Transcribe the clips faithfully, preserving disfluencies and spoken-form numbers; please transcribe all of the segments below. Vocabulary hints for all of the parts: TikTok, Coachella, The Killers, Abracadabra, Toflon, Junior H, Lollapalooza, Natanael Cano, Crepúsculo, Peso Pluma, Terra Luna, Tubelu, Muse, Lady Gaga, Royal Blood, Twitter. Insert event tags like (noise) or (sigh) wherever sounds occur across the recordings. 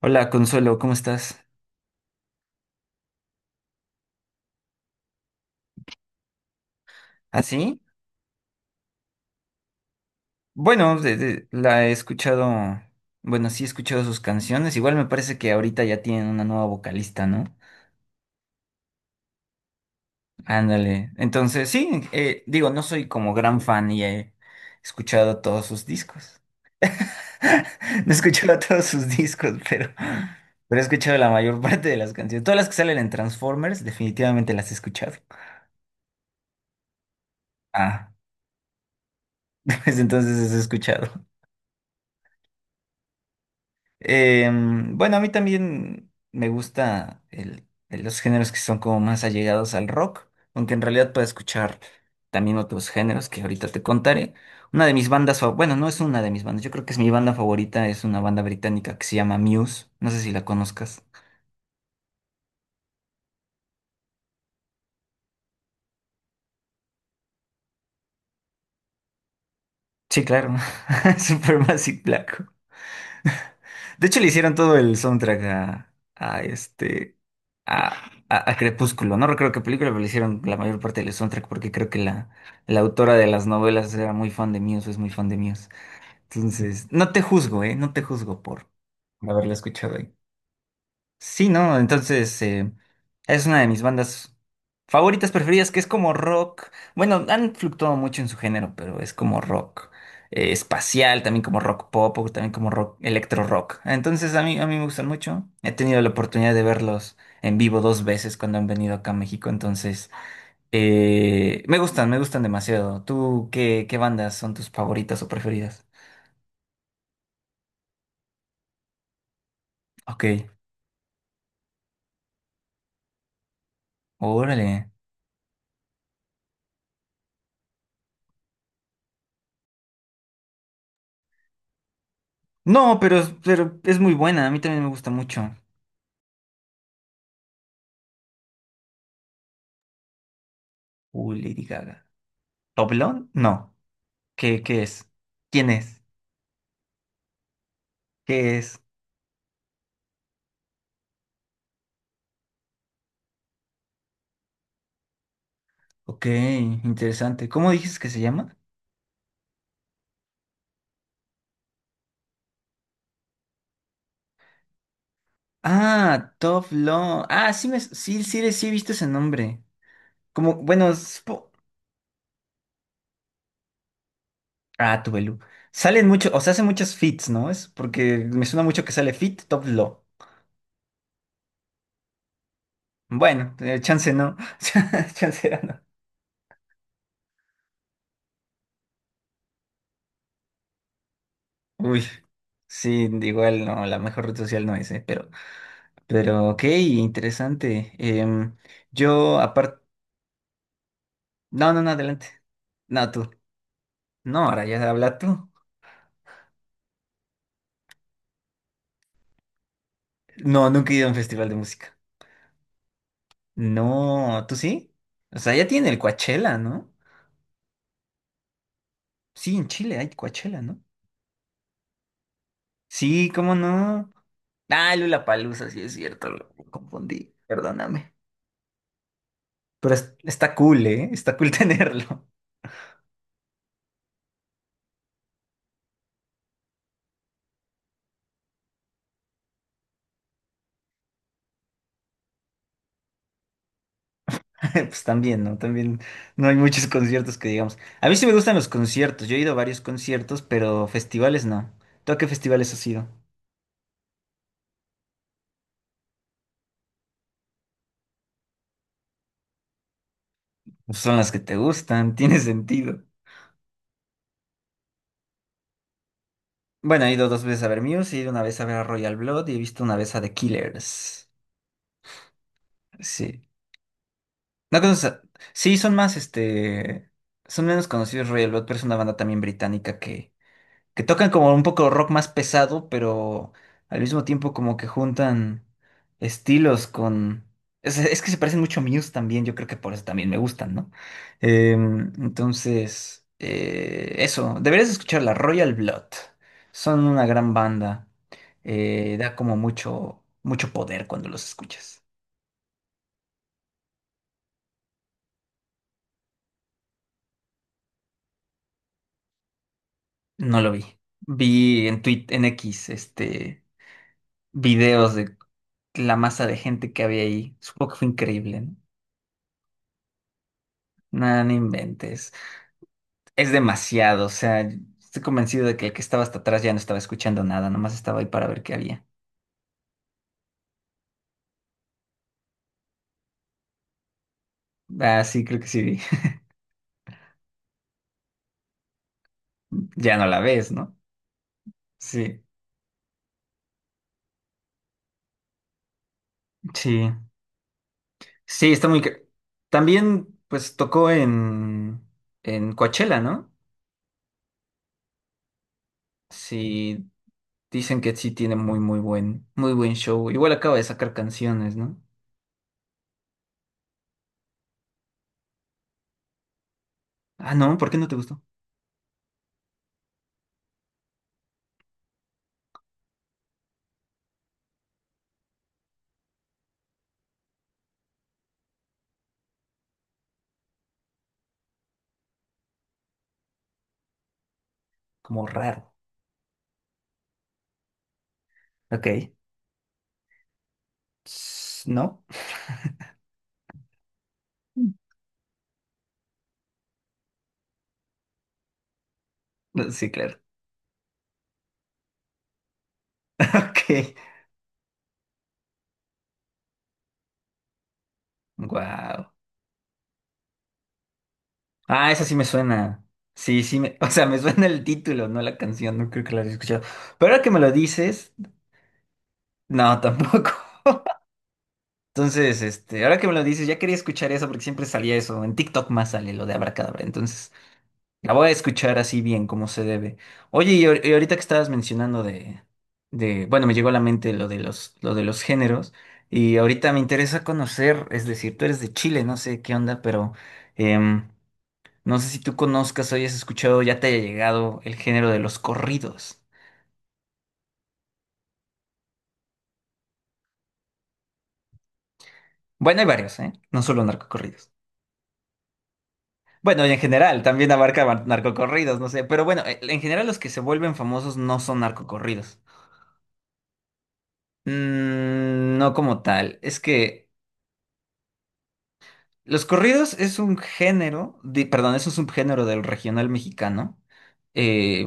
Hola, Consuelo, ¿cómo estás? ¿Así? Bueno, de- de- la he escuchado, bueno, sí he escuchado sus canciones, igual me parece que ahorita ya tienen una nueva vocalista, ¿no? Ándale, entonces sí, eh, digo, no soy como gran fan y he escuchado todos sus discos. (laughs) No he escuchado (laughs) todos sus discos, pero, pero he escuchado la mayor parte de las canciones. Todas las que salen en Transformers, definitivamente las he escuchado. Ah, (laughs) pues entonces las he escuchado. Em, bueno, a mí también me gusta el, el- los géneros que son como más allegados al rock, aunque en realidad puedo escuchar también otros géneros que ahorita te contaré. Una de mis bandas, fa- bueno, no es una de mis bandas, yo creo que es mi banda favorita, es una banda británica que se llama Muse, no sé si la conozcas. Sí, claro, (laughs) Supermassive Black. (laughs) De hecho, le hicieron todo el soundtrack a, a este a, a- a Crepúsculo. No recuerdo qué película, pero le hicieron la mayor parte del soundtrack porque creo que la, la autora de las novelas era muy fan de Muse, es muy fan de Muse. Entonces, no te juzgo, ¿eh? No te juzgo por haberla escuchado ahí. Sí, ¿no? Entonces, eh, es una de mis bandas favoritas, preferidas, que es como rock. Bueno, han fluctuado mucho en su género, pero es como rock eh, espacial, también como rock pop, o también como rock, electro rock. Entonces, a mí, a mí me gustan mucho. He tenido la oportunidad de verlos en vivo dos veces cuando han venido acá a México, entonces, eh, me gustan, me gustan demasiado. ¿Tú qué, qué bandas son tus favoritas o preferidas? Ok, órale. No, pero, pero es muy buena, a mí también me gusta mucho. Uy, Lady Gaga. ¿Oblong? No. ¿Qué, qué es? ¿Quién es? ¿Qué es? Ok, interesante. ¿Cómo dices que se llama? Ah, Toflon. Ah, sí, me, sí, sí, sí he visto ese nombre. Como, bueno, supo- ah, Tubelu. Salen muchos, o sea, hace muchos fits, ¿no? Es porque me suena mucho que sale fit, Toflo. Bueno, eh, chance no. (laughs) Chance era no. Uy. Sí, igual no, la mejor red social no es, eh, pero, pero ok, interesante. Em, yo, aparte. No, no, no, adelante. No, tú. No, ahora ya habla tú. No, nunca he ido a un festival de música. No, ¿tú sí? O sea, ya tiene el Coachella, ¿no? Sí, en Chile hay Coachella, ¿no? Sí, ¿cómo no? Ah, Lollapalooza, sí es cierto, lo me confundí, perdóname. Pero es- está cool, ¿eh? Está cool (laughs) tenerlo. (laughs) Pues también, ¿no? También no hay muchos conciertos que digamos. A mí sí me gustan los conciertos, yo he ido a varios conciertos, pero festivales no. ¿Tú a qué festivales has ido? Pues son las que te gustan, (laughs) tiene sentido. Bueno, he ido dos veces a ver Muse, he ido una vez a ver a Royal Blood y he visto una vez a The Killers. Sí. No conoces a- Sí, son más, este... Son menos conocidos Royal Blood, pero es una banda también británica que que tocan como un poco rock más pesado, pero al mismo tiempo como que juntan estilos con... Es, es que se parecen mucho a Muse también, yo creo que por eso también me gustan, ¿no? Em, entonces, eh, eso, deberías escuchar la Royal Blood. Son una gran banda. Eh, da como mucho, mucho poder cuando los escuchas. No lo vi. Vi en Twitter, en X, este, videos de la masa de gente que había ahí. Supongo que fue increíble, ¿no? Nada no inventes. Es demasiado, o sea, estoy convencido de que el que estaba hasta atrás ya no estaba escuchando nada, nomás estaba ahí para ver qué había. Ah, sí, creo que sí. Vi. (laughs) Ya no la ves, ¿no? Sí, sí. Sí, está muy... ca- también, pues, tocó en, en Coachella, ¿no? Sí, dicen que sí tiene muy, muy buen, muy buen show. Igual acaba de sacar canciones, ¿no? Ah, no, ¿por qué no te gustó? Como raro. Ok. Tss, ¿no? (laughs) Sí, claro. (laughs) Ok. Wow. Ah, esa sí me suena. Sí, sí, me- (laughs) o sea, me suena el título, no la canción, no creo que la haya escuchado. Pero ahora que me lo dices, no, tampoco. (laughs) Entonces, este, ahora que me lo dices, ya quería escuchar eso porque siempre salía eso. En TikTok más sale lo de Abracadabra. Entonces, la voy a escuchar así bien, como se debe. Oye, y, ahor- y ahorita que estabas mencionando de, de, bueno, me llegó a la mente lo de los, lo de los géneros. Y ahorita me interesa conocer, es decir, tú eres de Chile, no sé qué onda, pero. em, No sé si tú conozcas o hayas escuchado, ya te haya llegado el género de los corridos. Bueno, hay varios, ¿eh? No solo narcocorridos. Bueno, y en general, también abarca bar- narcocorridos, no sé. Pero bueno, eh, en general los que se vuelven famosos no son narcocorridos. Mm, no como tal. Es que los corridos es un género, de- perdón, es un subgénero del regional mexicano. Eh,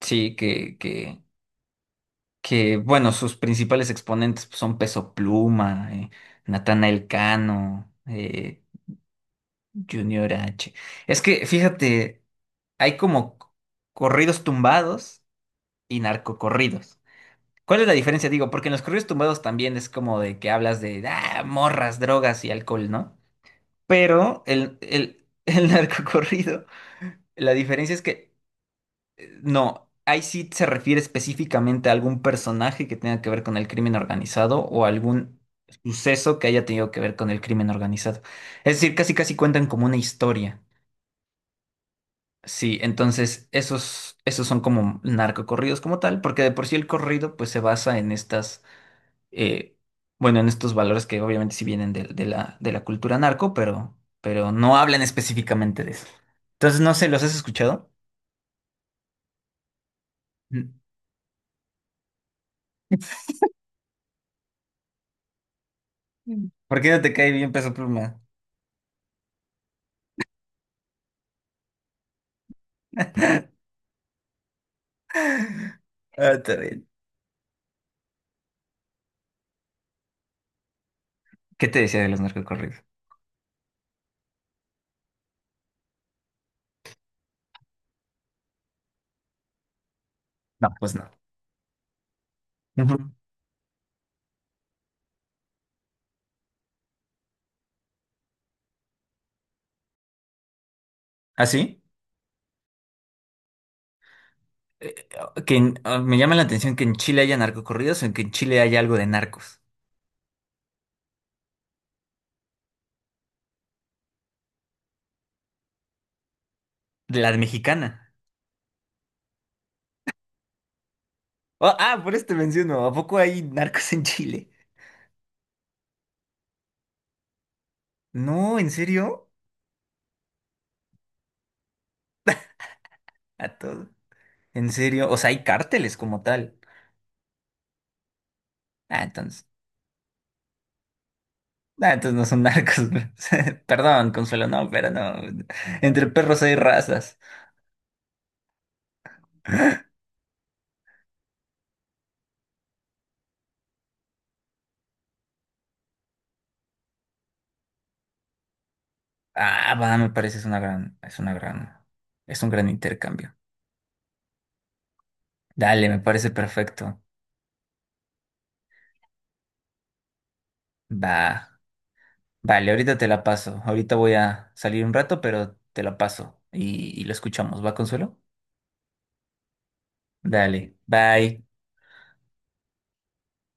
sí, que, que, que, bueno, sus principales exponentes son Peso Pluma, eh, Natanael Cano, eh, Junior H. Es que, fíjate, hay como c- corridos tumbados y narcocorridos. ¿Cuál es la diferencia? Digo, porque en los corridos tumbados también es como de que hablas de ah, morras, drogas y alcohol, ¿no? Pero el, el, (laughs) el narcocorrido, la diferencia es que eh, no, ahí sí se refiere específicamente a algún personaje que tenga que ver con el crimen organizado o algún suceso que haya tenido que ver con el crimen organizado. Es decir, casi casi cuentan como una historia. Sí, entonces esos, esos son como narcocorridos como tal, porque de por sí el corrido pues se basa en estas, eh, bueno, en estos valores que obviamente sí vienen de, de la, de la cultura narco, pero, pero no hablan específicamente de eso. Entonces, no sé, ¿los has escuchado? Mm. ¿Por qué no te cae bien Peso Pluma? (laughs) Ah, está bien. ¿Qué te decía de los narcocorridos? No, pues no. Ujú. ¿Ah, sí? Eh, que en- ah, me llama la atención que en Chile haya narcocorridos o en que en Chile haya algo de narcos. De la mexicana. Oh, ah, por eso te menciono. ¿A poco hay narcos en Chile? No, ¿en serio? A todo. ¿En serio? O sea, hay cárteles como tal. Ah, entonces. Ah, entonces no son narcos. (laughs) Perdón, Consuelo, no, pero no. Entre perros hay razas. Ah, va, me parece es una gran, es una gran, es un gran intercambio. Dale, me parece perfecto. Va. Vale, ahorita te la paso. Ahorita voy a salir un rato, pero te la paso y, y lo escuchamos. ¿Va, Consuelo? Dale, bye.